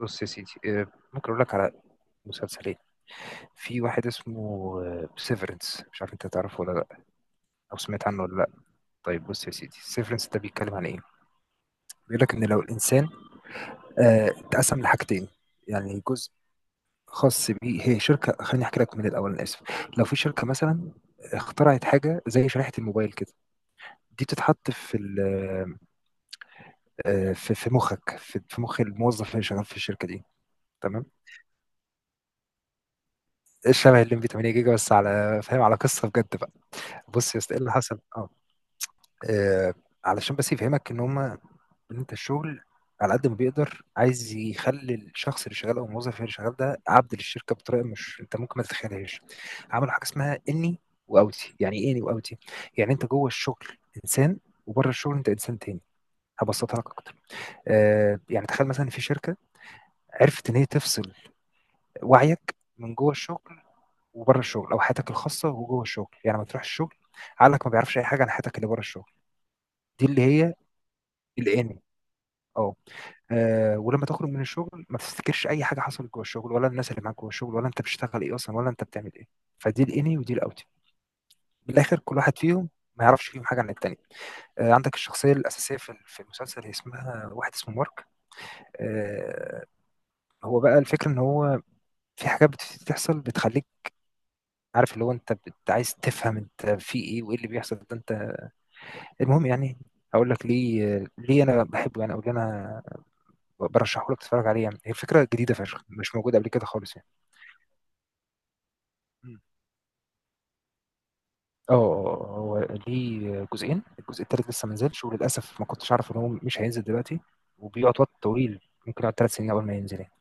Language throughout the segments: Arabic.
بص يا سيدي، ممكن اقول لك على مسلسلين. في واحد اسمه سيفرنس، مش عارف انت تعرفه ولا لا، او سمعت عنه ولا لا. طيب بص يا سيدي، سيفرنس ده بيتكلم عن ايه؟ بيقول لك ان لو الانسان اتقسم لحاجتين، يعني جزء خاص بيه، هي شركه. خليني احكي لك من الاول، انا اسف. لو في شركه مثلا اخترعت حاجه زي شريحه الموبايل كده، دي بتتحط في مخك، في مخ الموظف اللي شغال في الشركه دي. تمام، الشبه اللي 8 جيجا، بس على فاهم، على قصه بجد بقى. بص يا اسطى، ايه اللي حصل؟ اه آه، علشان بس يفهمك ان انت الشغل على قد ما بيقدر عايز يخلي الشخص اللي شغال او الموظف اللي شغال ده عبد للشركه بطريقه، مش انت ممكن ما تتخيلهاش. عملوا حاجه اسمها اني واوتي. يعني ايه اني واوتي؟ يعني انت جوه الشغل انسان، وبره الشغل انت انسان تاني. هبسطها لك اكتر. يعني تخيل مثلا في شركه عرفت ان هي تفصل وعيك من جوه الشغل وبره الشغل، او حياتك الخاصه وجوه الشغل. يعني ما تروح الشغل عقلك ما بيعرفش اي حاجه عن حياتك اللي بره الشغل. دي اللي هي الانمي. اه، ولما تخرج من الشغل ما تفتكرش اي حاجه حصلت جوه الشغل، ولا الناس اللي معاك جوه الشغل، ولا انت بتشتغل ايه اصلا، ولا انت بتعمل ايه. فدي الاني ودي الاوتي. بالاخر كل واحد فيهم ما يعرفش فيهم حاجه عن التاني. عندك الشخصيه الاساسيه في المسلسل، هي اسمها واحد اسمه مارك. آه، هو بقى الفكره ان هو في حاجات بتحصل بتخليك عارف اللي هو انت عايز تفهم انت في ايه وايه اللي بيحصل ده انت. المهم يعني، هقول لك ليه انا بحبه يعني، او ليه انا برشحه لك تتفرج عليه. يعني هي فكره جديده فشخ، مش موجوده قبل كده خالص يعني. مم. هو ليه جزئين، الجزء التالت لسه ما نزلش، وللاسف ما كنتش اعرف ان هو مش هينزل دلوقتي، وبيقعد وقت طويل. ممكن يقعد ثلاث سنين قبل ما ينزل يعني.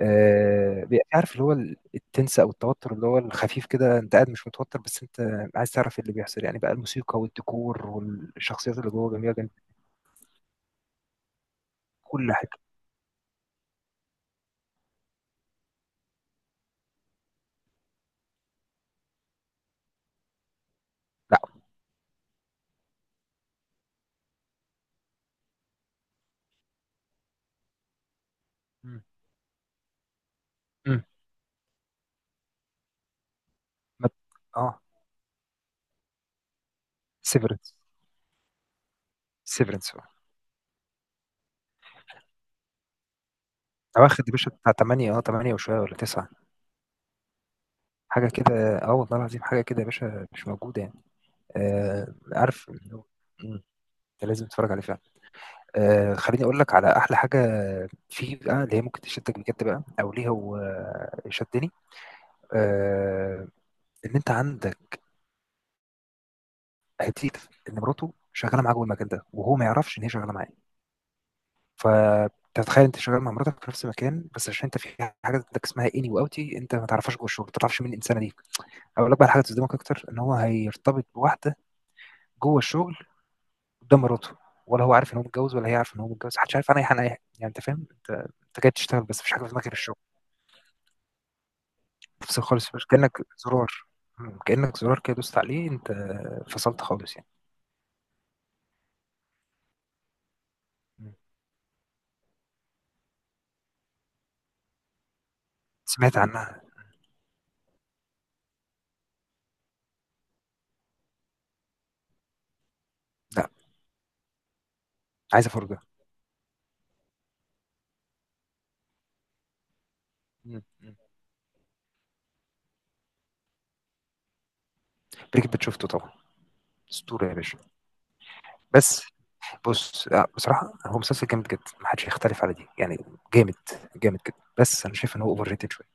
آه، عارف اللي هو التنس او التوتر، اللي هو الخفيف كده، انت قاعد مش متوتر، بس انت عايز تعرف إيه اللي بيحصل يعني. بقى الموسيقى والديكور والشخصيات اللي جوه جميله جدا، كل حاجه. لا. مم. امم. ما- اه، سيفرنس. سيفرنس، واخد يا باشا بتاع 8، اه، 8 وشويه ولا 9، حاجه كده. اه والله العظيم، حاجه كده يا باشا، مش موجوده يعني. آه عارف إنه- مم، انت لازم تتفرج عليه فعلا. آه، خليني اقول لك على احلى حاجه فيه بقى، اللي هي ممكن تشدك بجد بقى، او ليه هو شدني. آه، ان انت عندك هتيت ان مراته شغاله معاه جوه المكان ده، وهو ما يعرفش ان هي شغاله معاه. فتتخيل انت شغال مع مراتك في نفس المكان، بس عشان انت في حاجه عندك اسمها اني واوتي، انت ما تعرفهاش جوه الشغل، ما تعرفش مين الانسانه دي. اقول لك بقى حاجه تصدمك اكتر، ان هو هيرتبط بواحده جوه الشغل قدام مراته، ولا هو عارف ان هو متجوز، ولا هي عارفه ان هو متجوز، محدش عارف انا ايه انا ايه. يعني انت فاهم، انت جاي تشتغل بس مفيش حاجه في دماغك غير الشغل. تفصل خالص، مش كانك زرار. مم. كانك زرار كده دوست عليه انت، فصلت خالص يعني. مم. سمعت عنها. لا، عايز افرجها. مم. مم. بريك بيت شفته طبعا. اسطوره يا باشا. بس بص، لا، بصراحه هو مسلسل جامد جدا، محدش يختلف على دي يعني. جامد، جامد جدا، بس انا شايف ان هو اوفر ريتد شويه.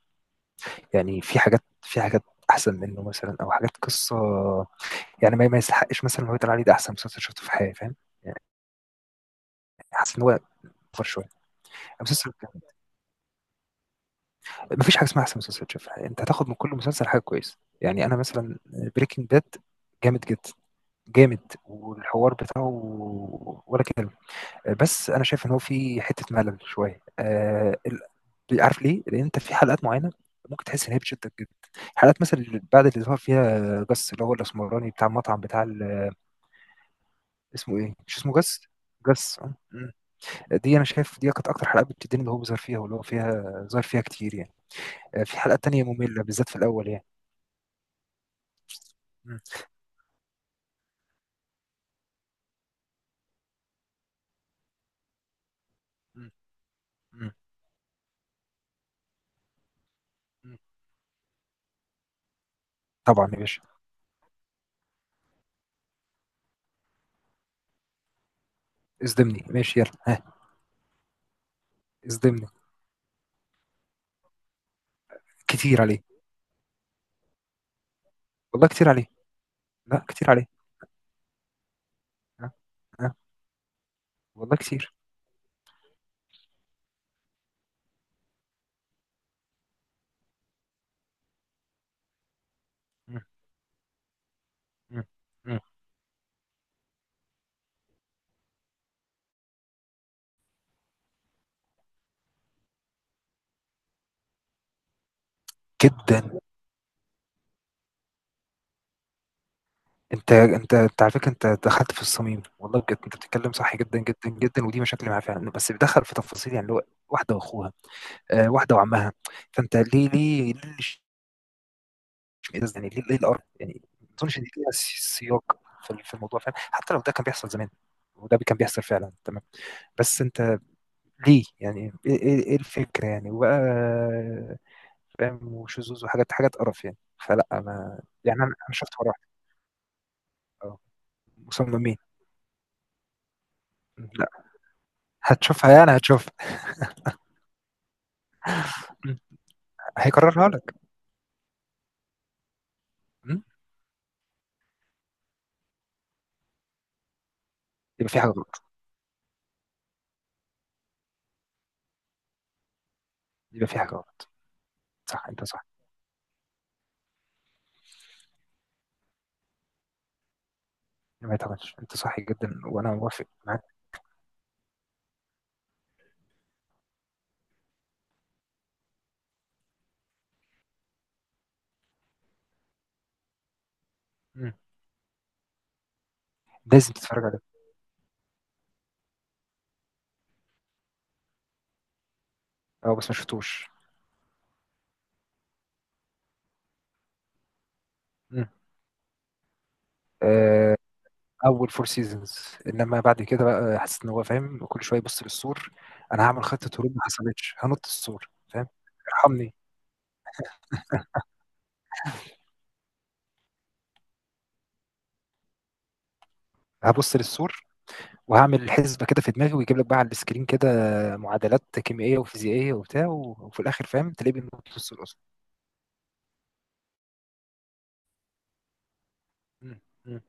يعني في حاجات، في حاجات احسن منه مثلا، او حاجات قصه. يعني ما يستحقش مثلا إن هو يتقال عليه ده احسن مسلسل شفته في حياتي فاهم. يعني حاسس ان هو اوفر شويه المسلسل. ما فيش حاجه اسمها احسن مسلسل شفتها، انت هتاخد من كل مسلسل حاجه كويسه. يعني انا مثلا بريكنج باد جامد جدا، جامد، والحوار بتاعه ولا كلمه. بس انا شايف ان هو في حته ملل شويه. آه عارف ليه؟ لان انت في حلقات معينه ممكن تحس ان هي بتشدك جدا، حلقات مثلا اللي بعد اللي ظهر فيها جس، اللي هو الاسمراني بتاع المطعم بتاع اسمه ايه، مش اسمه جس؟ جس آه. دي انا شايف دي كانت اكتر حلقه بتديني، اللي هو بيظهر فيها واللي هو فيها ظهر فيها كتير يعني. في حلقات تانية ممله، بالذات في الاول يعني. مم. مم. مم. مم. طبعا يا باشا. اصدمني، ماشي يلا ها. اصدمني. كتير عليه. والله كتير عليه. لا كتير عليه. ها. ها. والله كتير. مم. مم. مم. جدا. انت على فكره، انت دخلت في الصميم، والله بجد انت بتتكلم صح جدا جدا جدا، ودي مشاكل معاه فعلا. بس بيدخل في تفاصيل يعني، اللي هو واحده واخوها، واحده وعمها. فانت ليه ليه؟ ايه ده يعني؟ ليه الارض يعني ما اظنش ان ليها سياق في الموضوع فاهم. حتى لو ده كان بيحصل زمان، وده كان بيحصل فعلا تمام، بس انت ليه يعني؟ ايه إيه الفكره يعني؟ وبقى فاهم، وشذوذ، وحاجات حاجات قرف يعني. فلا ما يعني، انا شفت مره واحده، اه. مصممين. لا هتشوفها يعني، هتشوفها. مم. هيكررها لك. مم. يبقى في حاجه غلط. يبقى في حاجه غلط. صح، انت صح. ما يتعملش، انت صح جدا وانا موافق معاك. مم. لازم تتفرج عليه. اه بس ما شفتوش. مم. اول فور سيزونز، انما بعد كده بقى حسيت ان هو فاهم كل شويه يبص للسور. انا هعمل خطه هروب ما حصلتش، هنط السور فاهم. ارحمني. هبص للسور، وهعمل حسبه كده في دماغي، ويجيب لك بقى على السكرين كده معادلات كيميائيه وفيزيائيه وبتاع، وفي الاخر فاهم تلاقيه بينط السور اصلا. مم. مم.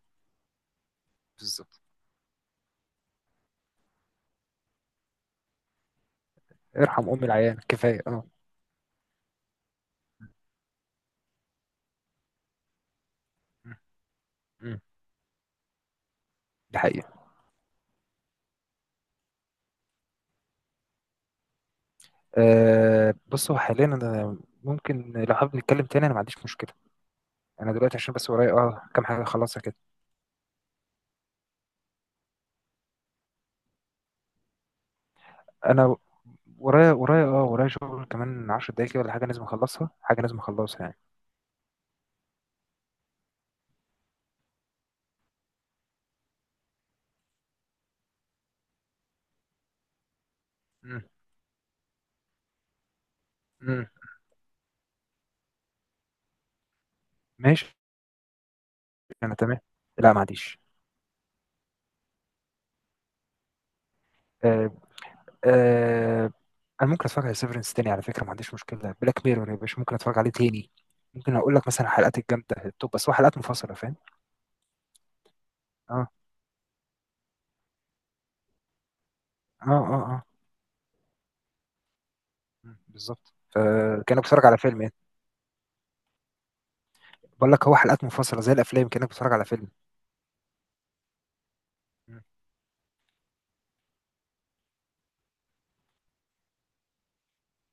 بالظبط. ارحم ام العيان كفايه، اه. مم. مم. دي حقيقه. أه بص، هو حاليا انا ممكن لو حابب نتكلم تاني انا ما عنديش مشكله. انا دلوقتي عشان بس ورايا اه كام حاجه اخلصها كده. انا ورايا اه، ورايا شغل كمان 10 دقايق كده ولا حاجه، لازم اخلصها، حاجه لازم اخلصها يعني. امم. امم. ماشي. انا تمام. لا ما عنديش. آه. آه. انا ممكن اتفرج على سيفرنس تاني على فكره، ما عنديش مشكله. بلاك ميرور يا باشا ممكن اتفرج عليه تاني. ممكن اقول لك مثلا حلقات الجامده التوب، بس هو حلقات منفصله فاهم. اه اه. اه اه. مم، بالظبط. فكانك بتتفرج على فيلم يعني. بقول لك هو حلقات منفصله زي الافلام، كانك بتتفرج على فيلم. مم.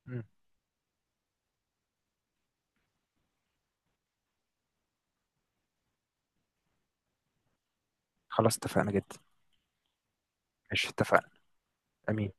مم. خلاص، اتفقنا جدا. ماشي، اتفقنا. امين.